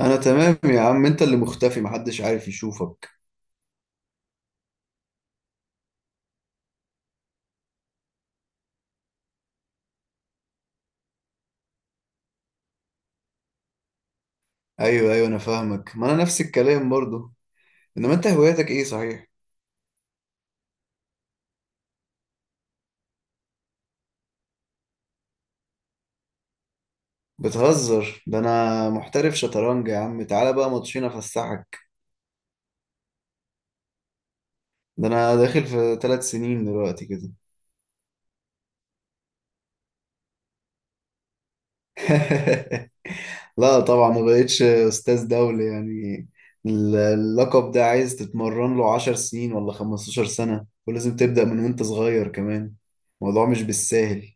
انا تمام يا عم، انت اللي مختفي، محدش عارف يشوفك. ايوه ايوه، انا فاهمك. ما انا نفس الكلام برضو. انما انت هواياتك ايه صحيح؟ بتهزر؟ ده انا محترف شطرنج يا عم، تعالى بقى ماتشين افسحك. ده انا داخل في 3 سنين دلوقتي كده. لا طبعا، ما بقتش استاذ دولي يعني. اللقب ده عايز تتمرن له 10 سنين ولا 15 سنة، ولازم تبدأ من وانت صغير كمان. الموضوع مش بالساهل.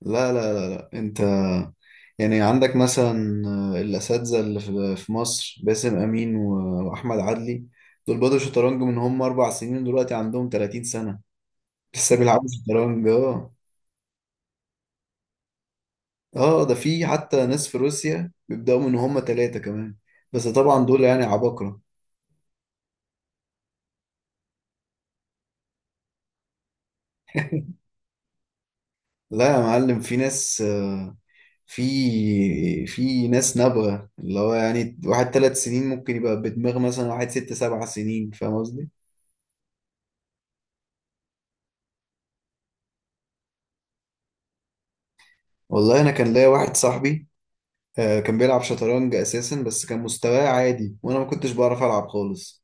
لا لا لا لا انت. يعني عندك مثلا، الاساتذه اللي في مصر باسم امين واحمد عدلي. دول بدوا شطرنج من هم 4 سنين، دلوقتي عندهم 30 سنه. لسه بيلعبوا شطرنج اه. اه، ده في حتى ناس في روسيا بيبداوا من هم 3 كمان. بس طبعا دول يعني عباقره. لا يا معلم، في ناس في ناس نابغه. اللي هو يعني واحد 3 سنين ممكن يبقى بدماغ مثلا واحد 6، 7 سنين. فاهم قصدي؟ والله انا كان ليا واحد صاحبي، كان بيلعب شطرنج اساسا، بس كان مستواه عادي وانا ما كنتش بعرف العب خالص.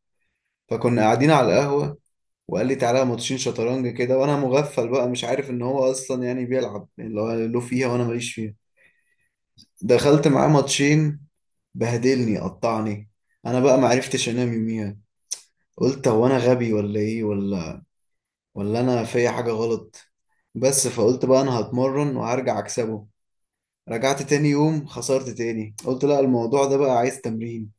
فكنا قاعدين على القهوه وقال لي تعالى ماتشين شطرنج كده، وانا مغفل بقى مش عارف ان هو اصلا يعني بيلعب، يعني اللي هو له فيها وانا ماليش فيها. دخلت معاه ماتشين، بهدلني قطعني. انا بقى ما عرفتش انام يوميها. قلت هو انا غبي ولا ايه، ولا ولا انا فيا حاجه غلط. بس فقلت بقى انا هتمرن وهرجع اكسبه. رجعت تاني يوم خسرت تاني، قلت لا الموضوع ده بقى عايز تمرين.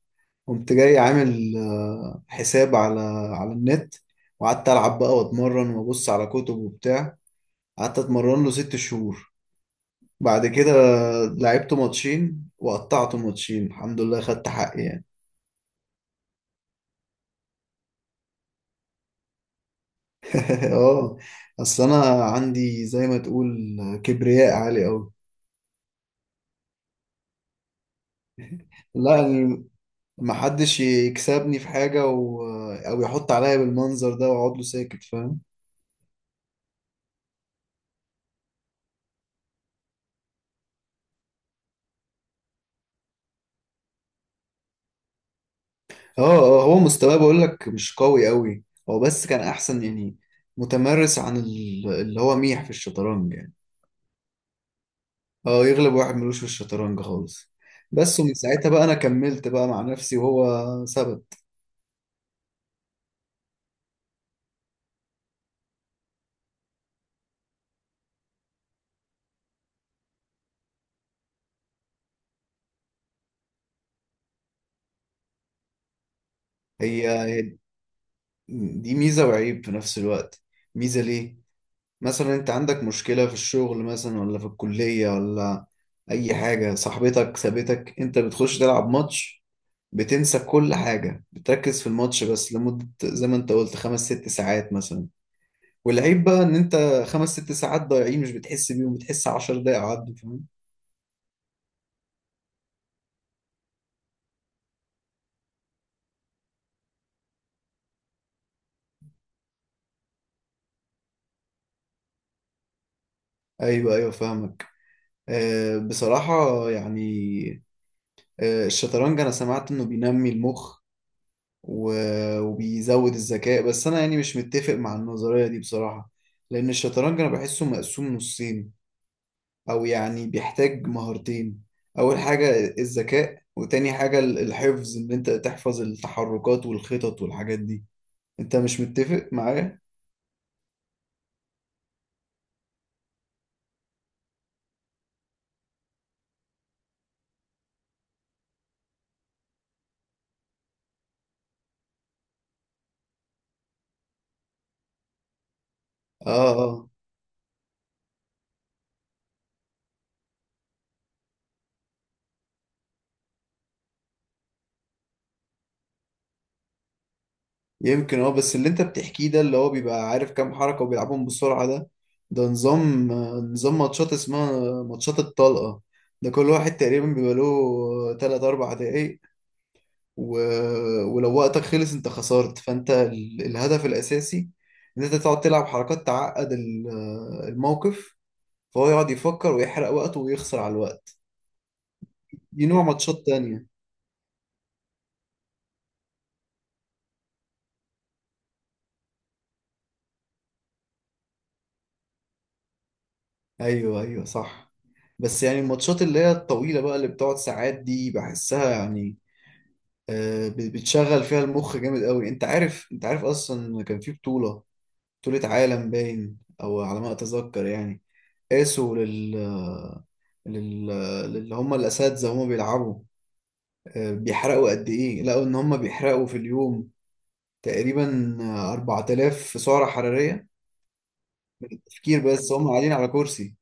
قمت جاي عامل حساب على النت، وقعدت ألعب بقى وأتمرن وأبص على كتب وبتاع. قعدت أتمرن له 6 شهور، بعد كده لعبت ماتشين وقطعت ماتشين الحمد لله، خدت حقي يعني. اه. اصل انا عندي زي ما تقول كبرياء عالي قوي. لا يعني، محدش يكسبني في حاجة او يحط عليا بالمنظر ده واقعد له ساكت، فاهم. اه اه، هو مستواه بقول لك مش قوي قوي. هو بس كان احسن يعني، متمرس عن اللي هو ميح في الشطرنج يعني. اه يغلب واحد ملوش في الشطرنج خالص. بس ومن ساعتها بقى انا كملت بقى مع نفسي، وهو ثبت. هي دي ميزة وعيب في نفس الوقت. ميزة ليه؟ مثلا انت عندك مشكلة في الشغل مثلا، ولا في الكلية، ولا اي حاجة صاحبتك سابتك، انت بتخش تلعب ماتش، بتنسى كل حاجة، بتركز في الماتش بس لمدة زي ما انت قلت 5، 6 ساعات مثلا. والعيب بقى ان انت 5، 6 ساعات ضايعين مش بتحس بيهم، بتحس 10 دقايق عدوا، فاهم. ايوه ايوه، فاهمك. بصراحة يعني، الشطرنج انا سمعت انه بينمي المخ وبيزود الذكاء، بس انا يعني مش متفق مع النظرية دي بصراحة. لان الشطرنج انا بحسه مقسوم نصين، او يعني بيحتاج مهارتين. اول حاجة الذكاء، وتاني حاجة الحفظ، ان انت تحفظ التحركات والخطط والحاجات دي. انت مش متفق معايا. اه اه، يمكن. اه بس اللي انت بتحكيه ده، اللي هو بيبقى عارف كام حركة وبيلعبهم بسرعة ده، نظام ماتشات اسمها ماتشات الطلقة. ده كل واحد تقريبا بيبقى له 3، 4 دقايق، و... ولو وقتك خلص انت خسرت. فانت الهدف الاساسي ان انت تقعد تلعب حركات تعقد الموقف، فهو يقعد يفكر ويحرق وقته ويخسر على الوقت. دي نوع ماتشات تانية. ايوه ايوه صح. بس يعني الماتشات اللي هي الطويلة بقى اللي بتقعد ساعات دي، بحسها يعني بتشغل فيها المخ جامد قوي. انت عارف انت عارف اصلا كان في بطولة، بطولة عالم باين او على ما اتذكر يعني، قاسوا لل... للي هم الاساتذة هم بيلعبوا بيحرقوا قد إيه. لقوا إن هم بيحرقوا في اليوم تقريبا 4000 سعرة حرارية، تفكير بس هم قاعدين على كرسي.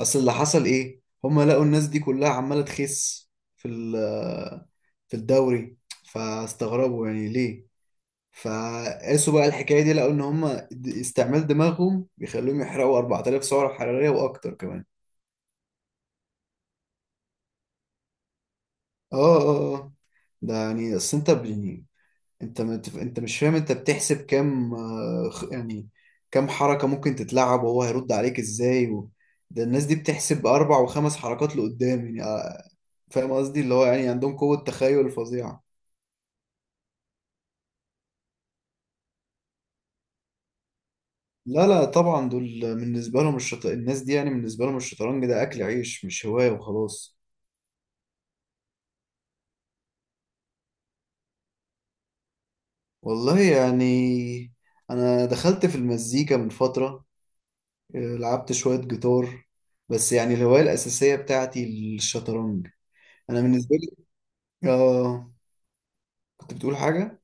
أصل اللي حصل إيه، هم لقوا الناس دي كلها عمالة تخس في في الدوري، فاستغربوا يعني ليه. فقاسوا بقى الحكاية دي، لقوا إن هم استعمال دماغهم بيخليهم يحرقوا 4000 سعرة حرارية وأكتر كمان. اه اه اه. ده يعني اصل انت، انت مش فاهم. انت بتحسب كام، يعني كام حركة ممكن تتلعب، وهو هيرد عليك ازاي ده الناس دي بتحسب 4، 5 حركات لقدام يعني، فاهم قصدي. اللي هو يعني عندهم قوة تخيل فظيعة. لا لا طبعا، دول بالنسبة لهم الناس دي يعني بالنسبة لهم الشطرنج ده أكل عيش مش هواية وخلاص. والله يعني، أنا دخلت في المزيكا من فترة، لعبت شوية جيتار، بس يعني الهواية الأساسية بتاعتي الشطرنج. أنا بالنسبة لي آه كنت بتقول حاجة؟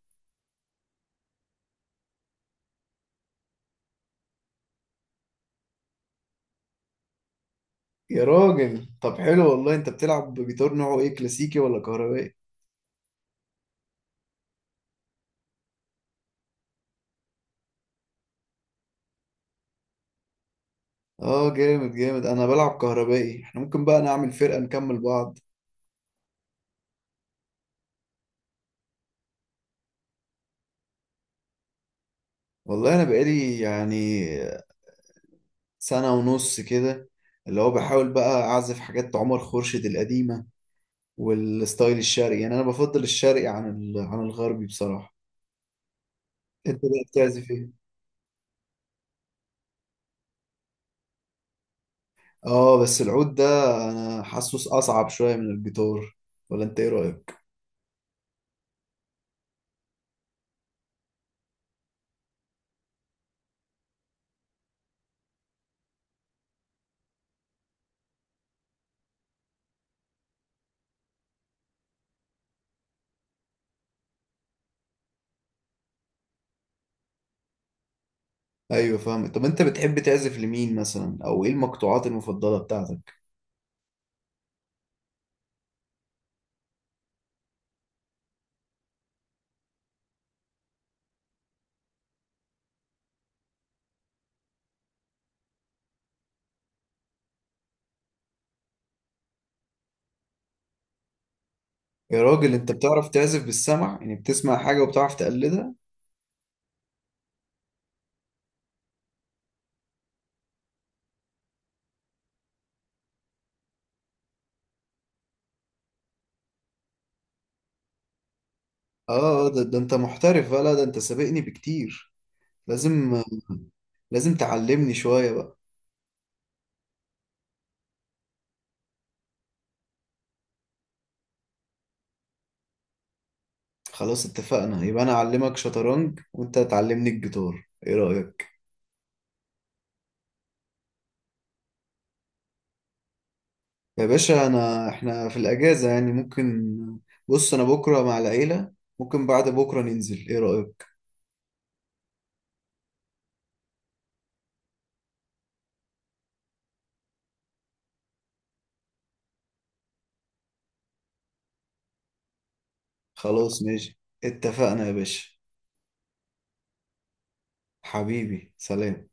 يا راجل طب حلو والله. انت بتلعب بجيتار نوعه ايه، كلاسيكي ولا كهربائي؟ اه جامد جامد، انا بلعب كهربائي. احنا ممكن بقى نعمل فرقة نكمل بعض. والله انا بقالي يعني 1.5 سنة كده، اللي هو بحاول بقى اعزف حاجات عمر خورشيد القديمة والستايل الشرقي. يعني انا بفضل الشرقي عن عن الغربي بصراحة. انت بقى بتعزف ايه؟ اه بس العود ده انا حاسه اصعب شوية من الجيتار، ولا انت ايه رأيك؟ ايوه فاهم. طب انت بتحب تعزف لمين مثلا، او ايه المقطوعات المفضله بتاعتك؟ يا راجل انت بتعرف تعزف بالسمع يعني، بتسمع حاجه وبتعرف تقلدها؟ اه، ده انت محترف بقى. لا ده انت سابقني بكتير. لازم لازم تعلمني شويه بقى. خلاص اتفقنا، يبقى انا اعلمك شطرنج وانت تعلمني الجيتار، ايه رايك؟ يا باشا، انا احنا في الاجازه يعني ممكن. بص انا بكره مع العيله، ممكن بعد بكره ننزل، ايه رايك؟ خلاص ماشي اتفقنا يا باشا. حبيبي سلام.